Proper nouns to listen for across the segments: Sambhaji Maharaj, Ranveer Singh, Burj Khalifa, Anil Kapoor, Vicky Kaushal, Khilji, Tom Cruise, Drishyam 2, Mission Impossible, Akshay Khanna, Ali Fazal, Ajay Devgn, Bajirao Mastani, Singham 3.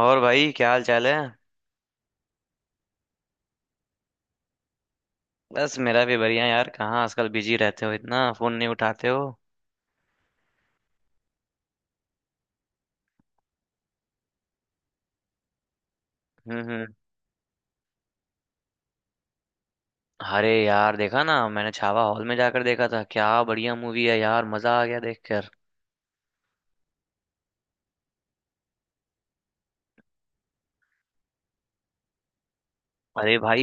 और भाई क्या हाल चाल है। बस मेरा भी बढ़िया यार। कहाँ आजकल बिजी रहते हो, इतना फोन नहीं उठाते हो। हम्म। अरे यार देखा ना, मैंने छावा हॉल में जाकर देखा था। क्या बढ़िया मूवी है यार, मजा आ गया देखकर। अरे भाई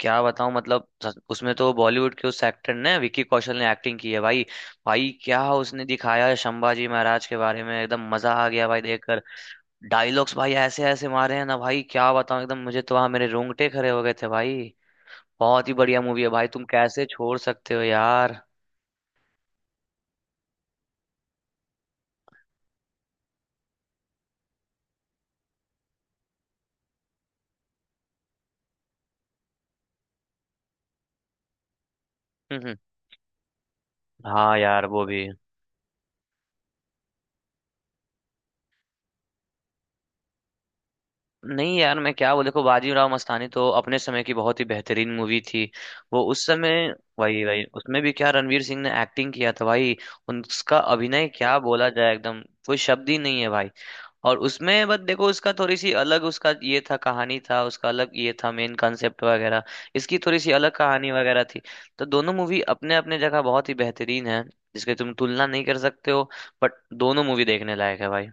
क्या बताऊं, मतलब उसमें तो बॉलीवुड के उस एक्टर ने, विक्की कौशल ने एक्टिंग की है भाई। भाई क्या उसने दिखाया है संभाजी महाराज के बारे में, एकदम मजा आ गया भाई देखकर। डायलॉग्स भाई ऐसे ऐसे मारे हैं ना भाई, क्या बताऊं, एकदम मुझे तो वहां मेरे रोंगटे खड़े हो गए थे भाई। बहुत ही बढ़िया मूवी है भाई, तुम कैसे छोड़ सकते हो यार। हम्म हम्म, हाँ यार वो भी। नहीं यार मैं क्या बोल, देखो बाजीराव मस्तानी तो अपने समय की बहुत ही बेहतरीन मूवी थी। वो उस समय। वही वही, उसमें भी क्या रणवीर सिंह ने एक्टिंग किया था भाई। उनका अभिनय क्या बोला जाए, एकदम कोई शब्द ही नहीं है भाई। और उसमें बस देखो, उसका थोड़ी सी अलग उसका ये था, कहानी था उसका अलग ये था, मेन कॉन्सेप्ट वगैरह। इसकी थोड़ी सी अलग कहानी वगैरह थी। तो दोनों मूवी अपने अपने जगह बहुत ही बेहतरीन है। जिसकी तुम तुलना नहीं कर सकते हो। बट दोनों मूवी देखने लायक है भाई।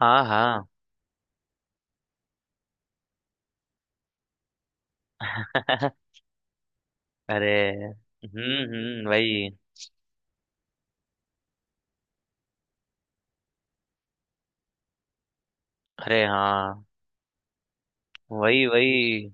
हाँ हाँ। अरे। वही। अरे हाँ। वही वही,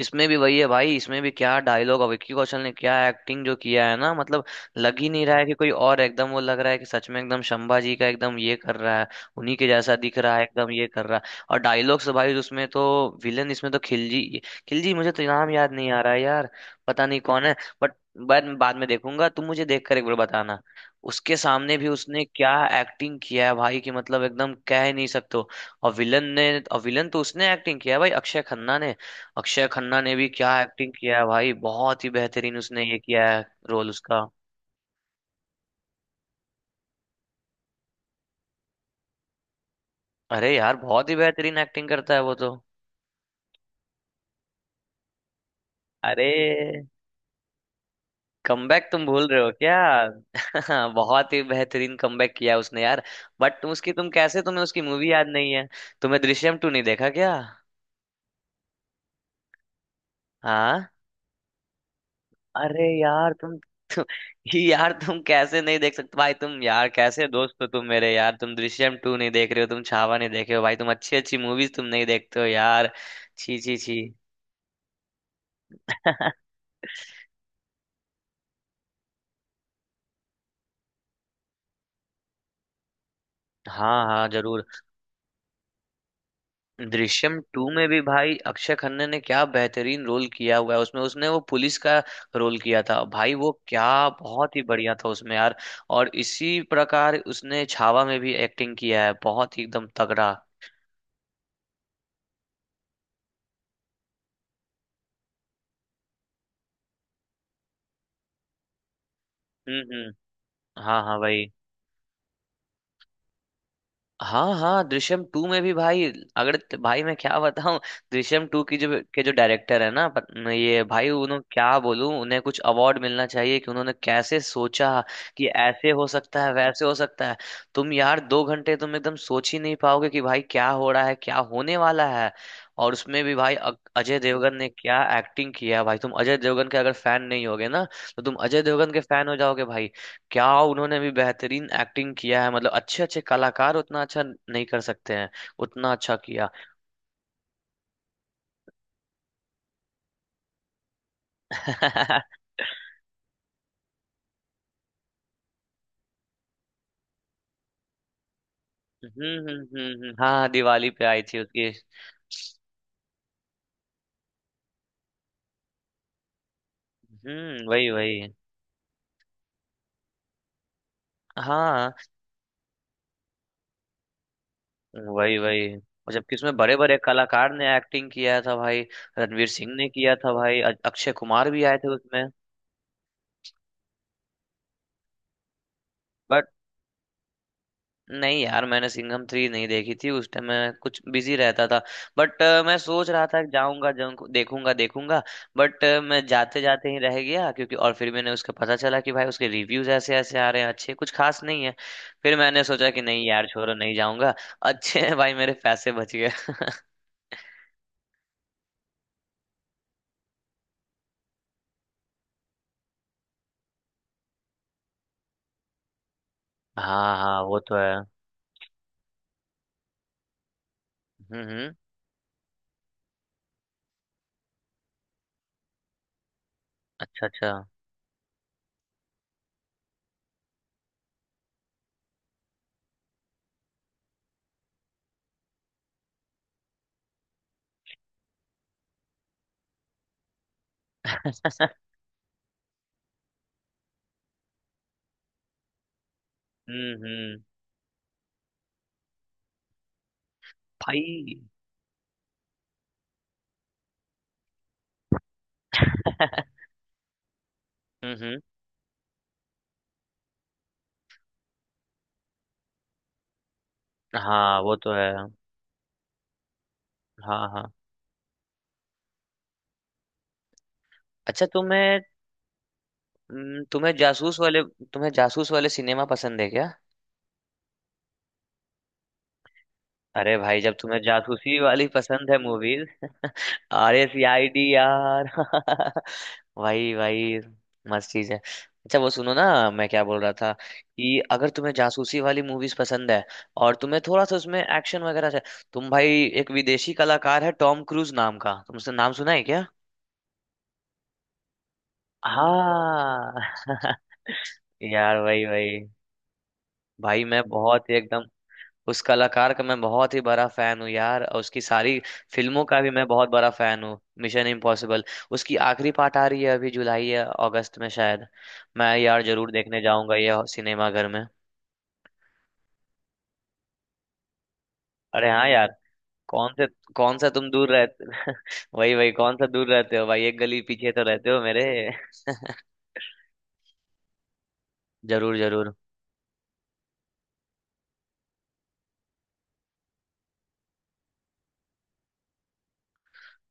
इसमें भी वही है भाई, इसमें भी क्या डायलॉग, और विक्की कौशल ने क्या एक्टिंग जो किया है ना, मतलब लग ही नहीं रहा है कि कोई और है, एकदम वो लग रहा है कि सच में एकदम शंभा जी का एकदम ये कर रहा है। उन्हीं के जैसा दिख रहा है, एकदम ये कर रहा है। और डायलॉग्स भाई, उसमें तो विलन, इसमें तो खिलजी। खिलजी मुझे तो नाम याद नहीं आ रहा है यार, पता नहीं कौन है। बट बाद बाद में देखूंगा, तुम मुझे देख कर एक बार बताना। उसके सामने भी उसने क्या एक्टिंग किया है भाई कि मतलब एकदम कह ही नहीं सकते। और विलन ने। और विलन तो उसने एक्टिंग किया है भाई, अक्षय खन्ना ने। अक्षय खन्ना ने भी क्या एक्टिंग किया है भाई, बहुत ही बेहतरीन उसने ये किया है, रोल उसका। अरे यार बहुत ही बेहतरीन एक्टिंग करता है वो तो। अरे कमबैक तुम भूल रहे हो क्या। बहुत ही बेहतरीन कमबैक किया है उसने यार। बट उसकी तुम कैसे, तुम्हें उसकी मूवी याद नहीं है। तुम्हें दृश्यम टू नहीं देखा क्या। हाँ। अरे यार तुम, यार तुम कैसे नहीं देख सकते भाई, तुम यार कैसे दोस्त हो तुम मेरे यार, तुम दृश्यम टू नहीं देख रहे हो, तुम छावा नहीं देखे हो भाई, तुम अच्छी अच्छी मूवीज तुम नहीं देखते हो यार। छी छी छी। हाँ हाँ जरूर। दृश्यम टू में भी भाई अक्षय खन्ना ने क्या बेहतरीन रोल किया हुआ है, उसमें उसने वो पुलिस का रोल किया था भाई, वो क्या बहुत ही बढ़िया था उसमें यार। और इसी प्रकार उसने छावा में भी एक्टिंग किया है, बहुत ही एकदम तगड़ा। हम्म। हाँ हाँ भाई। हाँ हाँ दृश्यम टू में भी भाई। अगर भाई मैं क्या बताऊं, दृश्यम टू की जो, के जो डायरेक्टर है ना ये भाई, उन्होंने क्या बोलूं, उन्हें कुछ अवार्ड मिलना चाहिए कि उन्होंने कैसे सोचा कि ऐसे हो सकता है वैसे हो सकता है। तुम यार 2 घंटे तुम एकदम सोच ही नहीं पाओगे कि भाई क्या हो रहा है, क्या होने वाला है। और उसमें भी भाई अजय देवगन ने क्या एक्टिंग किया है भाई, तुम अजय देवगन के अगर फैन नहीं होगे ना, तो तुम अजय देवगन के फैन हो जाओगे भाई। क्या उन्होंने भी बेहतरीन एक्टिंग किया है, मतलब अच्छे अच्छे कलाकार उतना अच्छा नहीं कर सकते हैं, उतना अच्छा किया। हम्म हम्म। हाँ हाँ, दिवाली पे आई थी उसकी। वही वही। हाँ वही वही, और जबकि उसमें बड़े बड़े कलाकार ने एक्टिंग किया था भाई। रणवीर सिंह ने किया था भाई, अक्षय कुमार भी आए थे उसमें। नहीं यार मैंने सिंघम थ्री नहीं देखी थी, उस टाइम मैं कुछ बिजी रहता था। बट मैं सोच रहा था कि जाऊंगा जाऊंगा देखूंगा देखूंगा। बट मैं जाते जाते ही रह गया, क्योंकि और फिर मैंने उसका पता चला कि भाई उसके रिव्यूज ऐसे ऐसे आ रहे हैं, अच्छे कुछ खास नहीं है। फिर मैंने सोचा कि नहीं यार छोड़ो, नहीं जाऊंगा। अच्छे हैं भाई, मेरे पैसे बच गए। हाँ हाँ वो तो है। हम्म। अच्छा अच्छा। हम्म। भाई। हम्म। हाँ वो तो है, हाँ हाँ। अच्छा तुम्हें, तुम्हें जासूस वाले, तुम्हें जासूस वाले सिनेमा पसंद है क्या। अरे भाई जब तुम्हें जासूसी वाली पसंद है movies, are S I D यार। भाई भाई, मस्त चीज है। अच्छा वो सुनो ना, मैं क्या बोल रहा था कि अगर तुम्हें जासूसी वाली मूवीज पसंद है, और तुम्हें थोड़ा सा उसमें एक्शन वगैरह से, तुम भाई एक विदेशी कलाकार है टॉम क्रूज नाम का, तुमसे नाम सुना है क्या। हाँ। यार वही वही। भाई मैं बहुत ही एकदम, उस कलाकार का मैं बहुत ही बड़ा फैन हूँ यार, और उसकी सारी फिल्मों का भी मैं बहुत बड़ा फैन हूँ, मिशन इम्पॉसिबल। उसकी आखिरी पार्ट आ रही है अभी, जुलाई या अगस्त में शायद। मैं यार जरूर देखने जाऊंगा ये सिनेमा घर में। अरे हाँ यार। कौन से, कौन सा तुम दूर रहते। वही वही, कौन सा दूर रहते हो भाई, एक गली पीछे तो रहते हो मेरे। जरूर जरूर।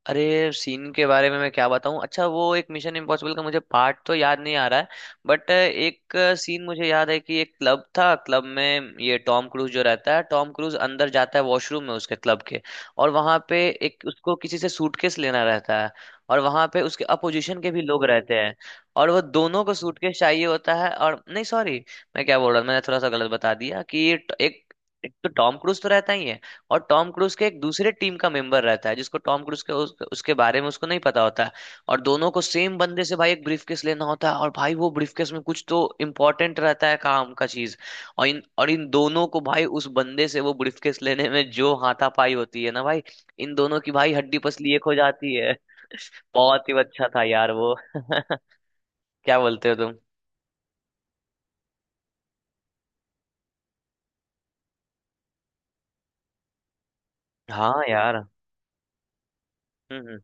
अरे सीन के बारे में मैं क्या बताऊं, अच्छा वो एक मिशन इम्पॉसिबल का मुझे पार्ट तो याद नहीं आ रहा है। बट एक सीन मुझे याद है, कि एक क्लब था, क्लब में ये टॉम क्रूज जो रहता है, टॉम क्रूज अंदर जाता है वॉशरूम में उसके क्लब के, और वहां पे एक उसको किसी से सूटकेस लेना रहता है। और वहां पे उसके अपोजिशन के भी लोग रहते हैं। और वो दोनों को सूटकेस चाहिए होता है, और नहीं सॉरी, मैं क्या बोल रहा हूँ, मैंने थोड़ा सा गलत बता दिया कि ये एक, एक तो टॉम क्रूज तो रहता ही है। और टॉम क्रूज के एक दूसरे टीम का मेंबर रहता है, जिसको टॉम क्रूज के उसके बारे में उसको नहीं पता होता। और दोनों को सेम बंदे से भाई एक ब्रीफकेस लेना होता है, और भाई वो ब्रीफकेस में कुछ तो इम्पोर्टेंट रहता है, काम का चीज। और इन दोनों को भाई उस बंदे से वो ब्रीफकेस लेने में जो हाथापाई होती है ना भाई, इन दोनों की भाई हड्डी पसली एक हो जाती है। बहुत ही अच्छा था यार वो। क्या बोलते हो तुम। हाँ यार। हम्म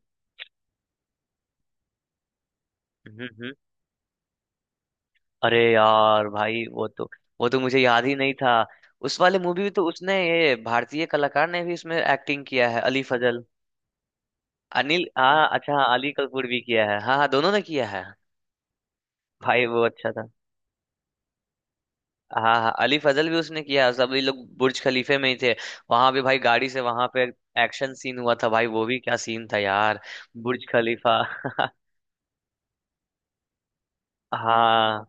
हम्म। हम्म। अरे यार भाई वो तो, वो तो मुझे याद ही नहीं था। उस वाले मूवी में तो उसने ये भारतीय कलाकार ने भी उसमें एक्टिंग किया है, अली फजल। अनिल हाँ, अच्छा हाँ, अली कपूर भी किया है, हाँ हाँ दोनों ने किया है। भाई वो अच्छा था। हाँ हाँ अली फजल भी उसने किया है, सब ये लोग बुर्ज खलीफे में ही थे। वहां पे भाई गाड़ी से वहां पे एक्शन सीन हुआ था भाई, वो भी क्या सीन था यार। बुर्ज खलीफा। हाँ।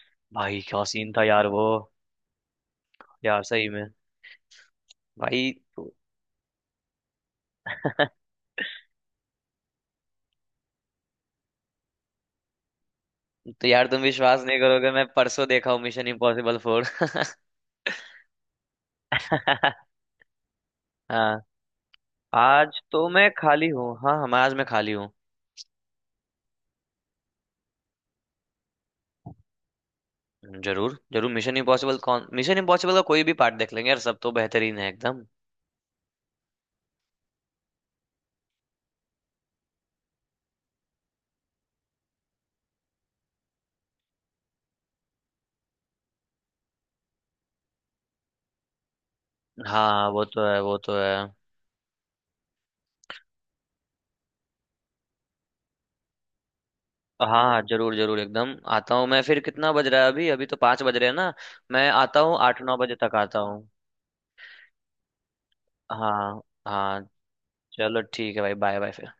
भाई क्या सीन था यार वो। यार सही में। भाई। तो यार तुम विश्वास नहीं करोगे, मैं परसों देखा हूँ मिशन इम्पॉसिबल 4। हाँ। आज तो मैं खाली हूँ, हाँ हाँ, मैं आज मैं खाली हूँ। जरूर जरूर, मिशन इम्पॉसिबल कौन मिशन इम्पॉसिबल का कोई भी पार्ट देख लेंगे यार, सब तो बेहतरीन है एकदम। हाँ वो तो है, वो तो है। हाँ हाँ जरूर जरूर, एकदम आता हूँ मैं, फिर कितना बज रहा है अभी, अभी तो 5 बज रहे हैं ना। मैं आता हूँ 8 9 बजे तक आता हूँ। हाँ हाँ। चलो ठीक है भाई, बाय बाय फिर।